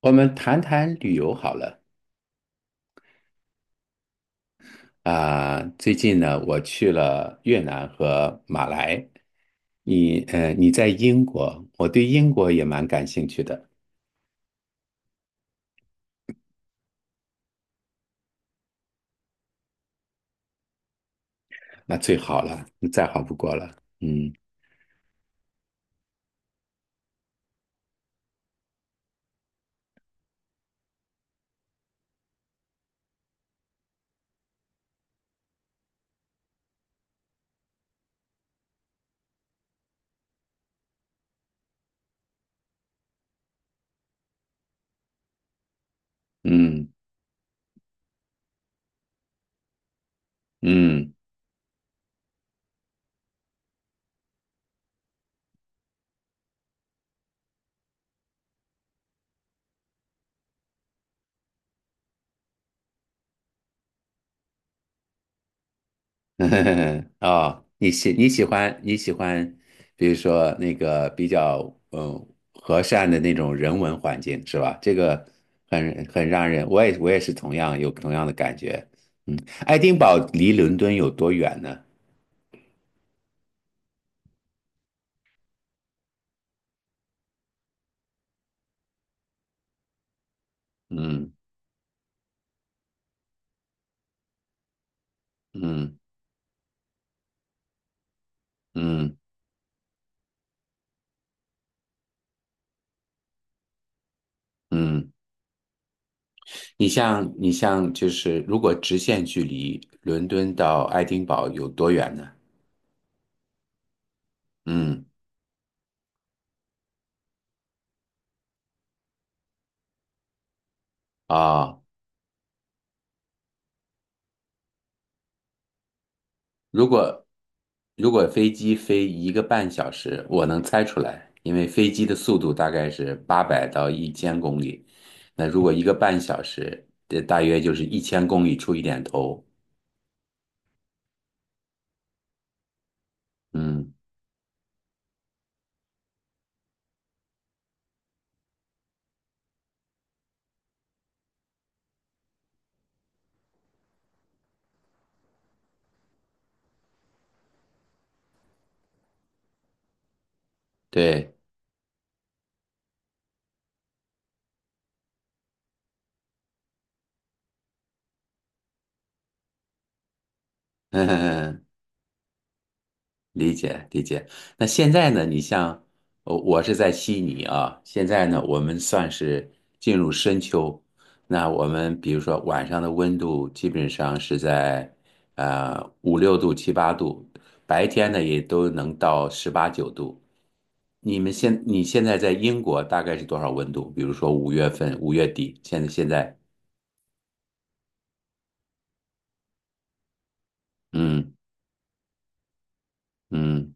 我们谈谈旅游好了啊，最近呢，我去了越南和马来。你在英国，我对英国也蛮感兴趣的，那最好了，再好不过了。嗯嗯嗯。哦，你喜欢，比如说那个比较嗯和善的那种人文环境是吧？这个很让人，我也是同样有同样的感觉。嗯，爱丁堡离伦敦有多远呢？嗯嗯嗯嗯。你像就是如果直线距离伦敦到爱丁堡有多远呢？嗯啊。如果如果飞机飞一个半小时，我能猜出来，因为飞机的速度大概是800到1000公里。那如果一个半小时，这大约就是一千公里出一点头。嗯，对。理解理解。那现在呢？你像，我是在悉尼啊。现在呢，我们算是进入深秋。那我们比如说晚上的温度基本上是在五六度、七八度，白天呢也都能到十八九度。你们你现在在英国大概是多少温度？比如说5月份、5月底，现在，嗯嗯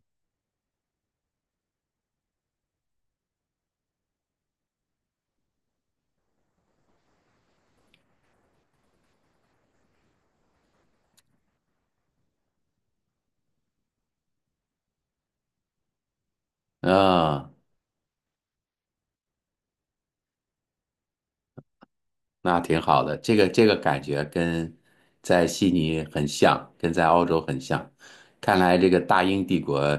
啊。那挺好的，这个感觉跟在悉尼很像，跟在澳洲很像。看来这个大英帝国，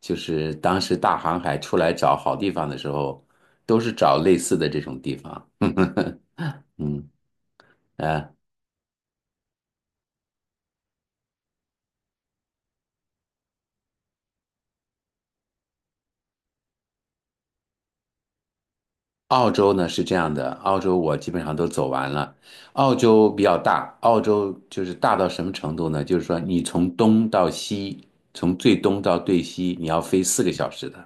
就是当时大航海出来找好地方的时候，都是找类似的这种地方。嗯，呃，澳洲呢是这样的，澳洲我基本上都走完了。澳洲比较大，澳洲就是大到什么程度呢？就是说你从东到西，从最东到最西，你要飞四个小时的。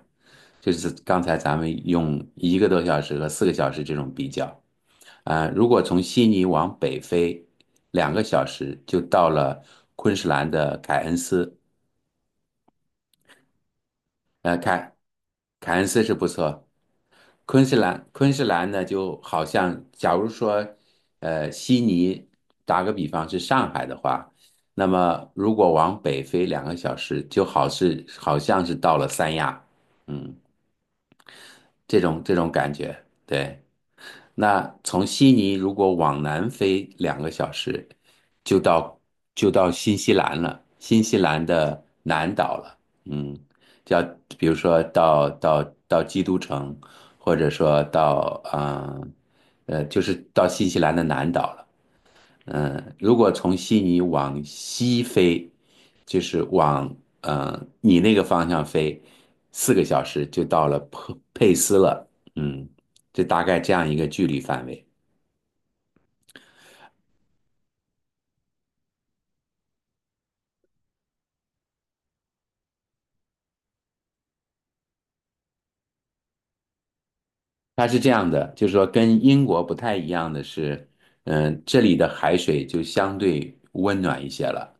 就是刚才咱们用一个多小时和四个小时这种比较，啊、如果从悉尼往北飞两个小时就到了昆士兰的凯恩斯。呃，凯凯恩斯是不错，昆士兰呢就好像，假如说，悉尼打个比方是上海的话，那么如果往北飞两个小时，就好像是到了三亚，嗯，这种感觉，对。那从悉尼如果往南飞两个小时，就到就到新西兰了，新西兰的南岛了，嗯，叫比如说到基督城，或者说就是到新西兰的南岛了。如果从悉尼往西飞，就是往你那个方向飞，四个小时就到了佩斯了。嗯，就大概这样一个距离范围。它是这样的，就是说跟英国不太一样的是，这里的海水就相对温暖一些了，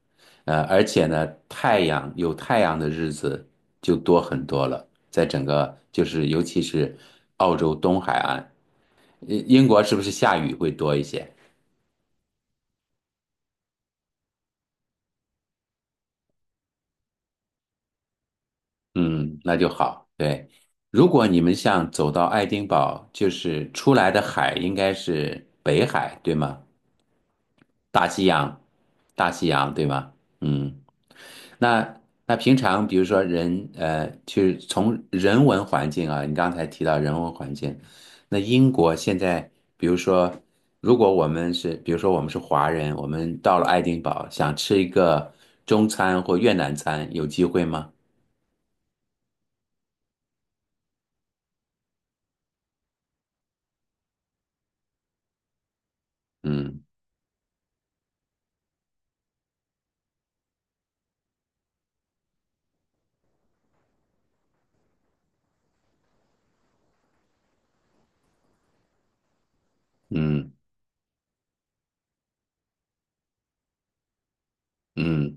而且呢，太阳有太阳的日子就多很多了，在整个就是尤其是澳洲东海岸。英国是不是下雨会多一些？嗯，那就好。对，如果你们像走到爱丁堡，就是出来的海应该是北海，对吗？大西洋，大西洋，对吗？嗯，那平常比如说就是从人文环境啊，你刚才提到人文环境，那英国现在比如说，如果我们是比如说我们是华人，我们到了爱丁堡想吃一个中餐或越南餐，有机会吗？嗯嗯嗯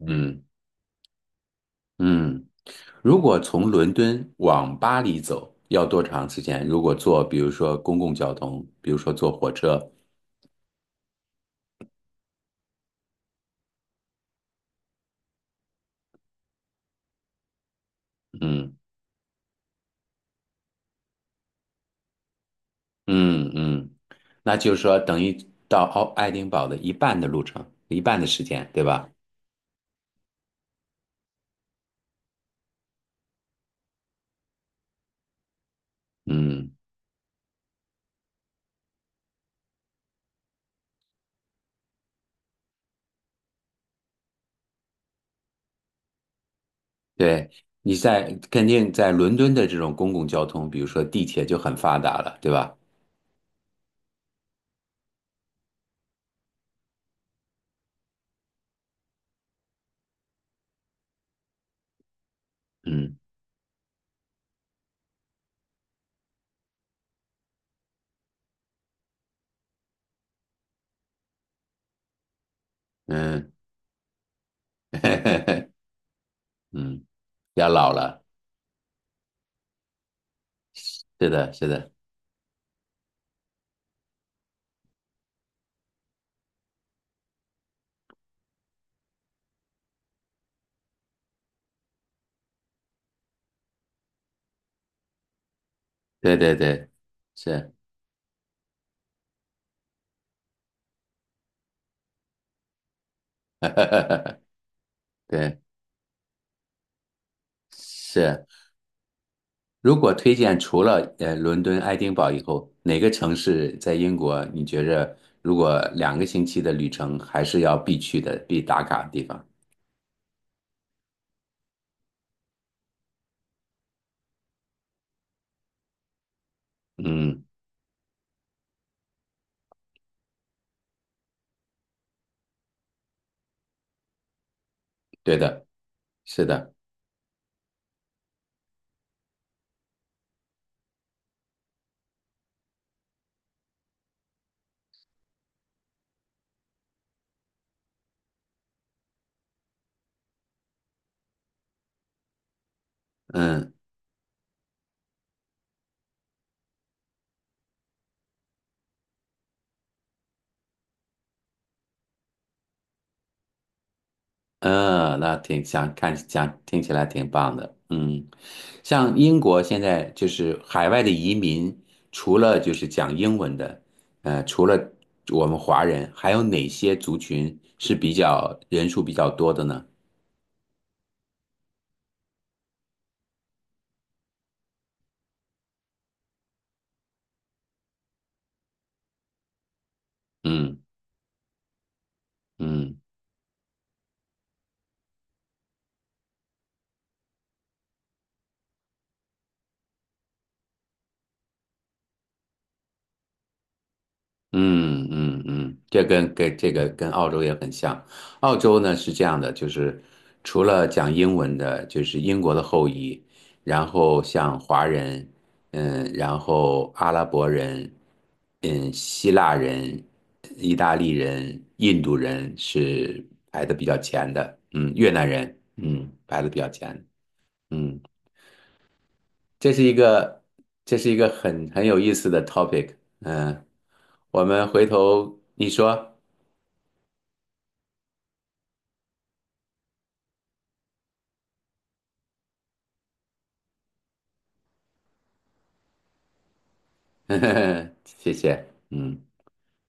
嗯嗯。如果从伦敦往巴黎走，要多长时间？如果坐，比如说公共交通，比如说坐火车，嗯嗯嗯。那就是说等于到奥爱丁堡的一半的路程，一半的时间，对吧？嗯，对。你在肯定在伦敦的这种公共交通，比如说地铁就很发达了，对吧？嗯嗯。嗯，比较老了，是的，是的。对对对，是。对是。如果推荐除了伦敦、爱丁堡以后，哪个城市在英国你觉着如果2个星期的旅程还是要必去的、必打卡的地方？嗯，对的，是的，嗯。嗯，那挺想看，想听起来挺棒的。嗯，像英国现在就是海外的移民，除了就是讲英文的，除了我们华人，还有哪些族群是比较人数比较多的呢？嗯嗯。嗯嗯嗯。这跟这个跟澳洲也很像。澳洲呢是这样的，就是除了讲英文的，就是英国的后裔，然后像华人，然后阿拉伯人，希腊人、意大利人、印度人是排的比较前的，越南人，排的比较前，嗯，这是一个这是一个很有意思的 topic，我们回头你说。谢谢，嗯，